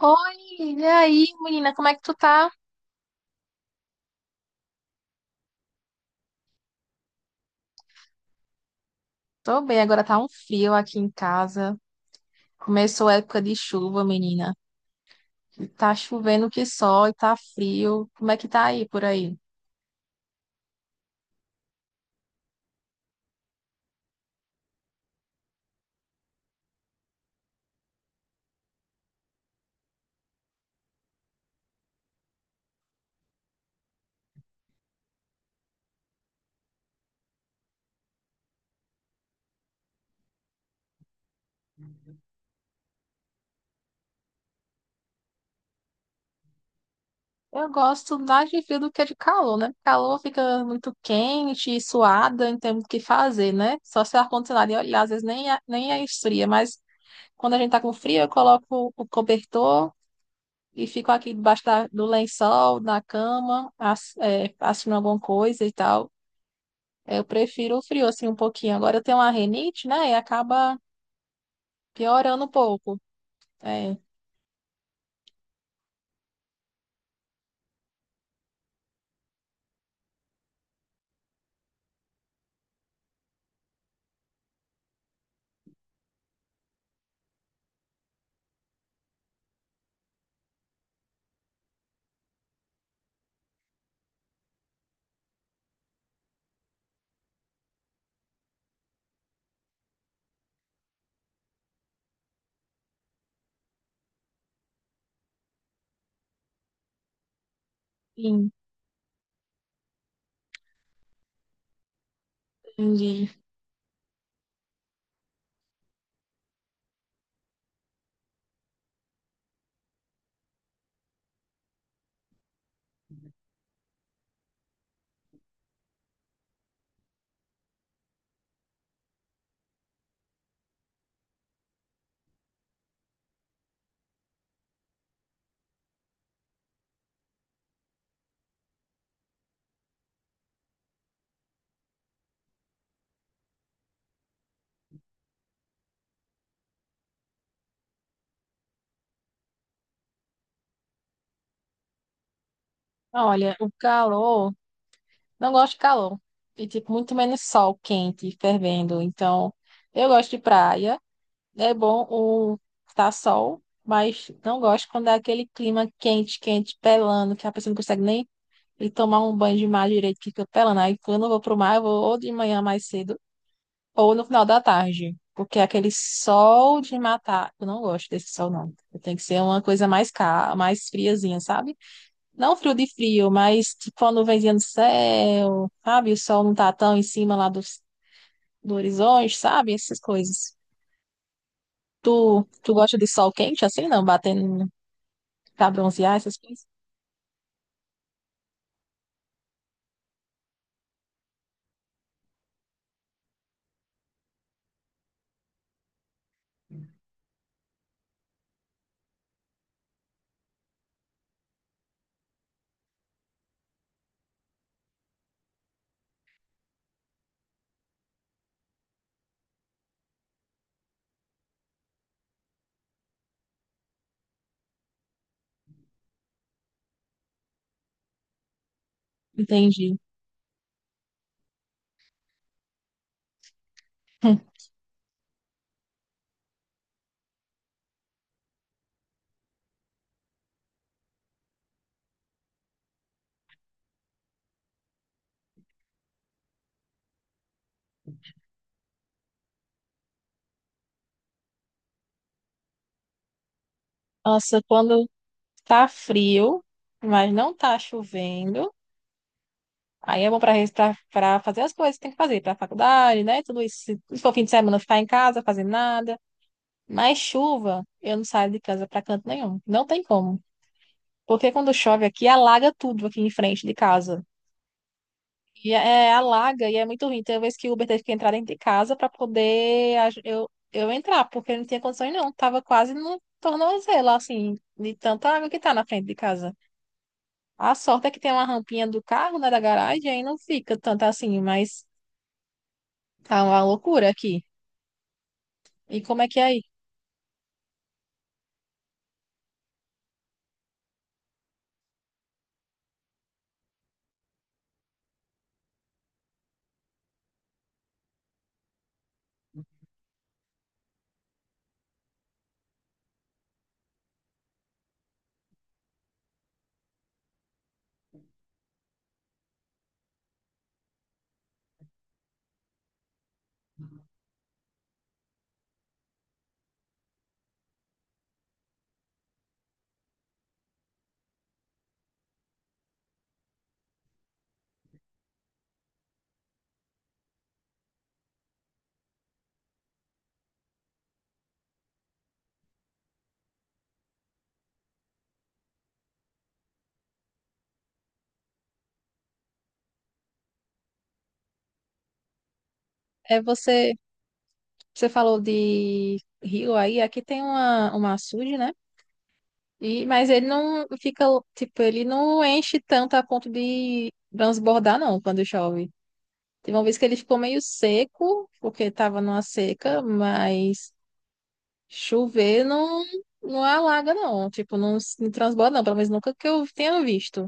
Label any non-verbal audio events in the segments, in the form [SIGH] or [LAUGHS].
Oi, e aí, menina, como é que tu tá? Tô bem, agora tá um frio aqui em casa. Começou a época de chuva, menina. Tá chovendo que só e tá frio. Como é que tá aí por aí? Eu gosto mais de frio do que de calor, né? Calor fica muito quente, suada, não tem muito o que fazer, né? Só se o ar-condicionado e olhar, às vezes nem, nem é esfria, mas quando a gente tá com frio, eu coloco o cobertor e fico aqui debaixo do lençol, na cama, assistindo alguma coisa e tal. Eu prefiro o frio, assim, um pouquinho. Agora eu tenho uma rinite, né? E acaba piorando um pouco. É, sim, entendi. Olha, o calor, não gosto de calor. E, tipo, muito menos sol quente, fervendo. Então, eu gosto de praia. É bom o tá sol, mas não gosto quando é aquele clima quente, quente, pelando, que a pessoa não consegue nem ir tomar um banho de mar direito, que fica pelando. Aí, quando eu vou pro mar, eu vou ou de manhã mais cedo ou no final da tarde, porque é aquele sol de matar, eu não gosto desse sol, não. Tem que ser uma coisa mais friazinha, sabe? Não frio de frio, mas tipo uma nuvenzinha no céu, sabe? O sol não tá tão em cima lá do horizonte, sabe? Essas coisas. Tu gosta de sol quente assim, não? Batendo pra bronzear, essas coisas? Entendi. [LAUGHS] Nossa, quando tá frio, mas não tá chovendo. Aí é bom para fazer as coisas que tem que fazer, para faculdade, né? Tudo isso. Se for fim de semana, ficar em casa, fazer nada. Mas chuva, eu não saio de casa para canto nenhum. Não tem como. Porque quando chove aqui, alaga tudo aqui em frente de casa. É, alaga e é muito ruim. Tem uma vez que o Uber teve que entrar dentro de casa para poder eu entrar, porque não tinha condições não. Tava quase no tornozelo, assim, de tanta água que tá na frente de casa. A sorte é que tem uma rampinha do carro, né, da garagem, aí não fica tanto assim, mas tá uma loucura aqui. E como é que é aí? É você, você falou de rio aí, aqui tem uma açude, né? E, mas ele não fica, tipo, ele não enche tanto a ponto de transbordar, não, quando chove. Teve uma vez que ele ficou meio seco, porque tava numa seca, mas chover não, não alaga, não. Tipo, não, não transborda, não, pelo menos nunca que eu tenha visto.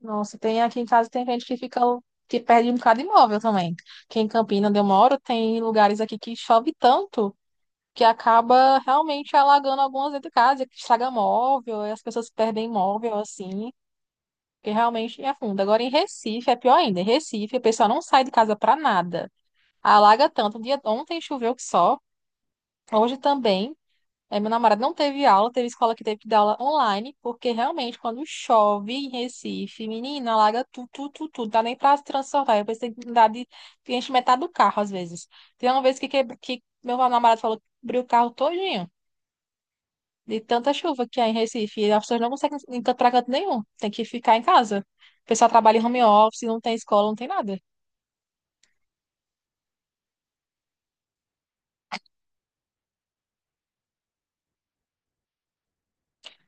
Nossa, tem aqui em casa tem gente que fica que perde um bocado de imóvel também. Que em Campina, onde eu moro, tem lugares aqui que chove tanto que acaba realmente alagando algumas dentro de casa, que estraga móvel, e as pessoas perdem móvel assim, que realmente afunda. Agora em Recife é pior ainda. Em Recife, o pessoal não sai de casa pra nada. Alaga tanto. Um dia ontem choveu que só, hoje também. É, meu namorado não teve aula, teve escola que teve que dar aula online, porque realmente quando chove em Recife, menina, alaga tudo, tudo, tudo, tudo, dá nem pra se transportar. Eu pensei que dá de que enche metade do carro às vezes. Tem uma vez que meu namorado falou que cobriu o carro todinho, de tanta chuva que há em Recife, e as pessoas não conseguem encantar pra canto nenhum, tem que ficar em casa. O pessoal trabalha em home office, não tem escola, não tem nada.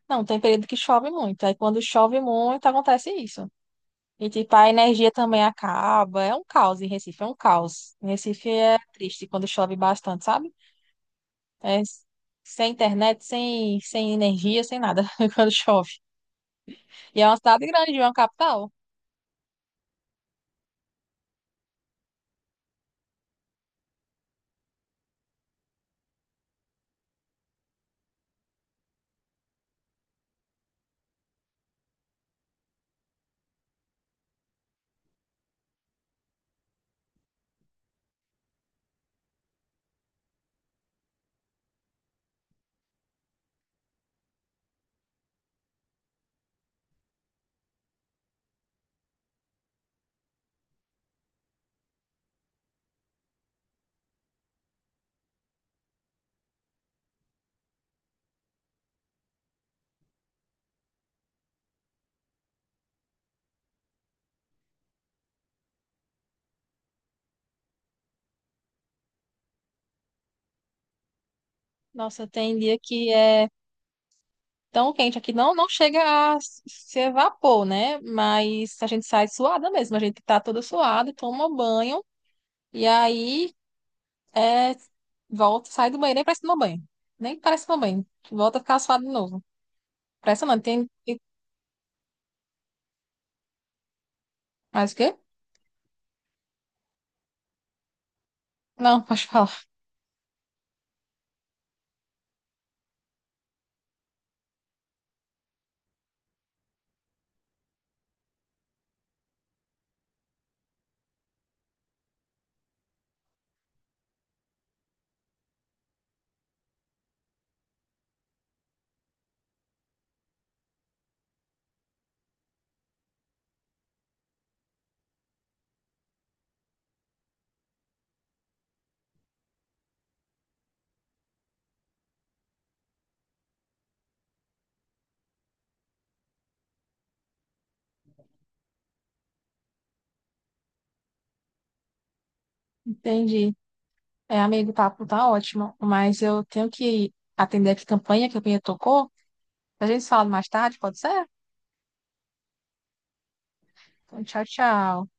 Não, tem período que chove muito, aí quando chove muito acontece isso. E, tipo, a energia também acaba. É um caos em Recife, é um caos. Em Recife é triste quando chove bastante, sabe? É s- sem internet, sem energia, sem nada [LAUGHS] quando chove. E é uma cidade grande, é uma capital. Nossa, tem dia que é tão quente aqui, não, não chega ser vapor, né? Mas a gente sai suada mesmo, a gente tá toda suada, toma banho, e aí é, volta, sai do banheiro nem parece tomar banho. Nem parece tomar banho. Volta a ficar suado de novo. Impressionante. Tem, mas o quê? Não, pode falar. Entendi. É, amigo, o papo tá ótimo, mas eu tenho que atender aqui campanha, que a campanha tocou. A gente se fala mais tarde, pode ser? Então, tchau, tchau.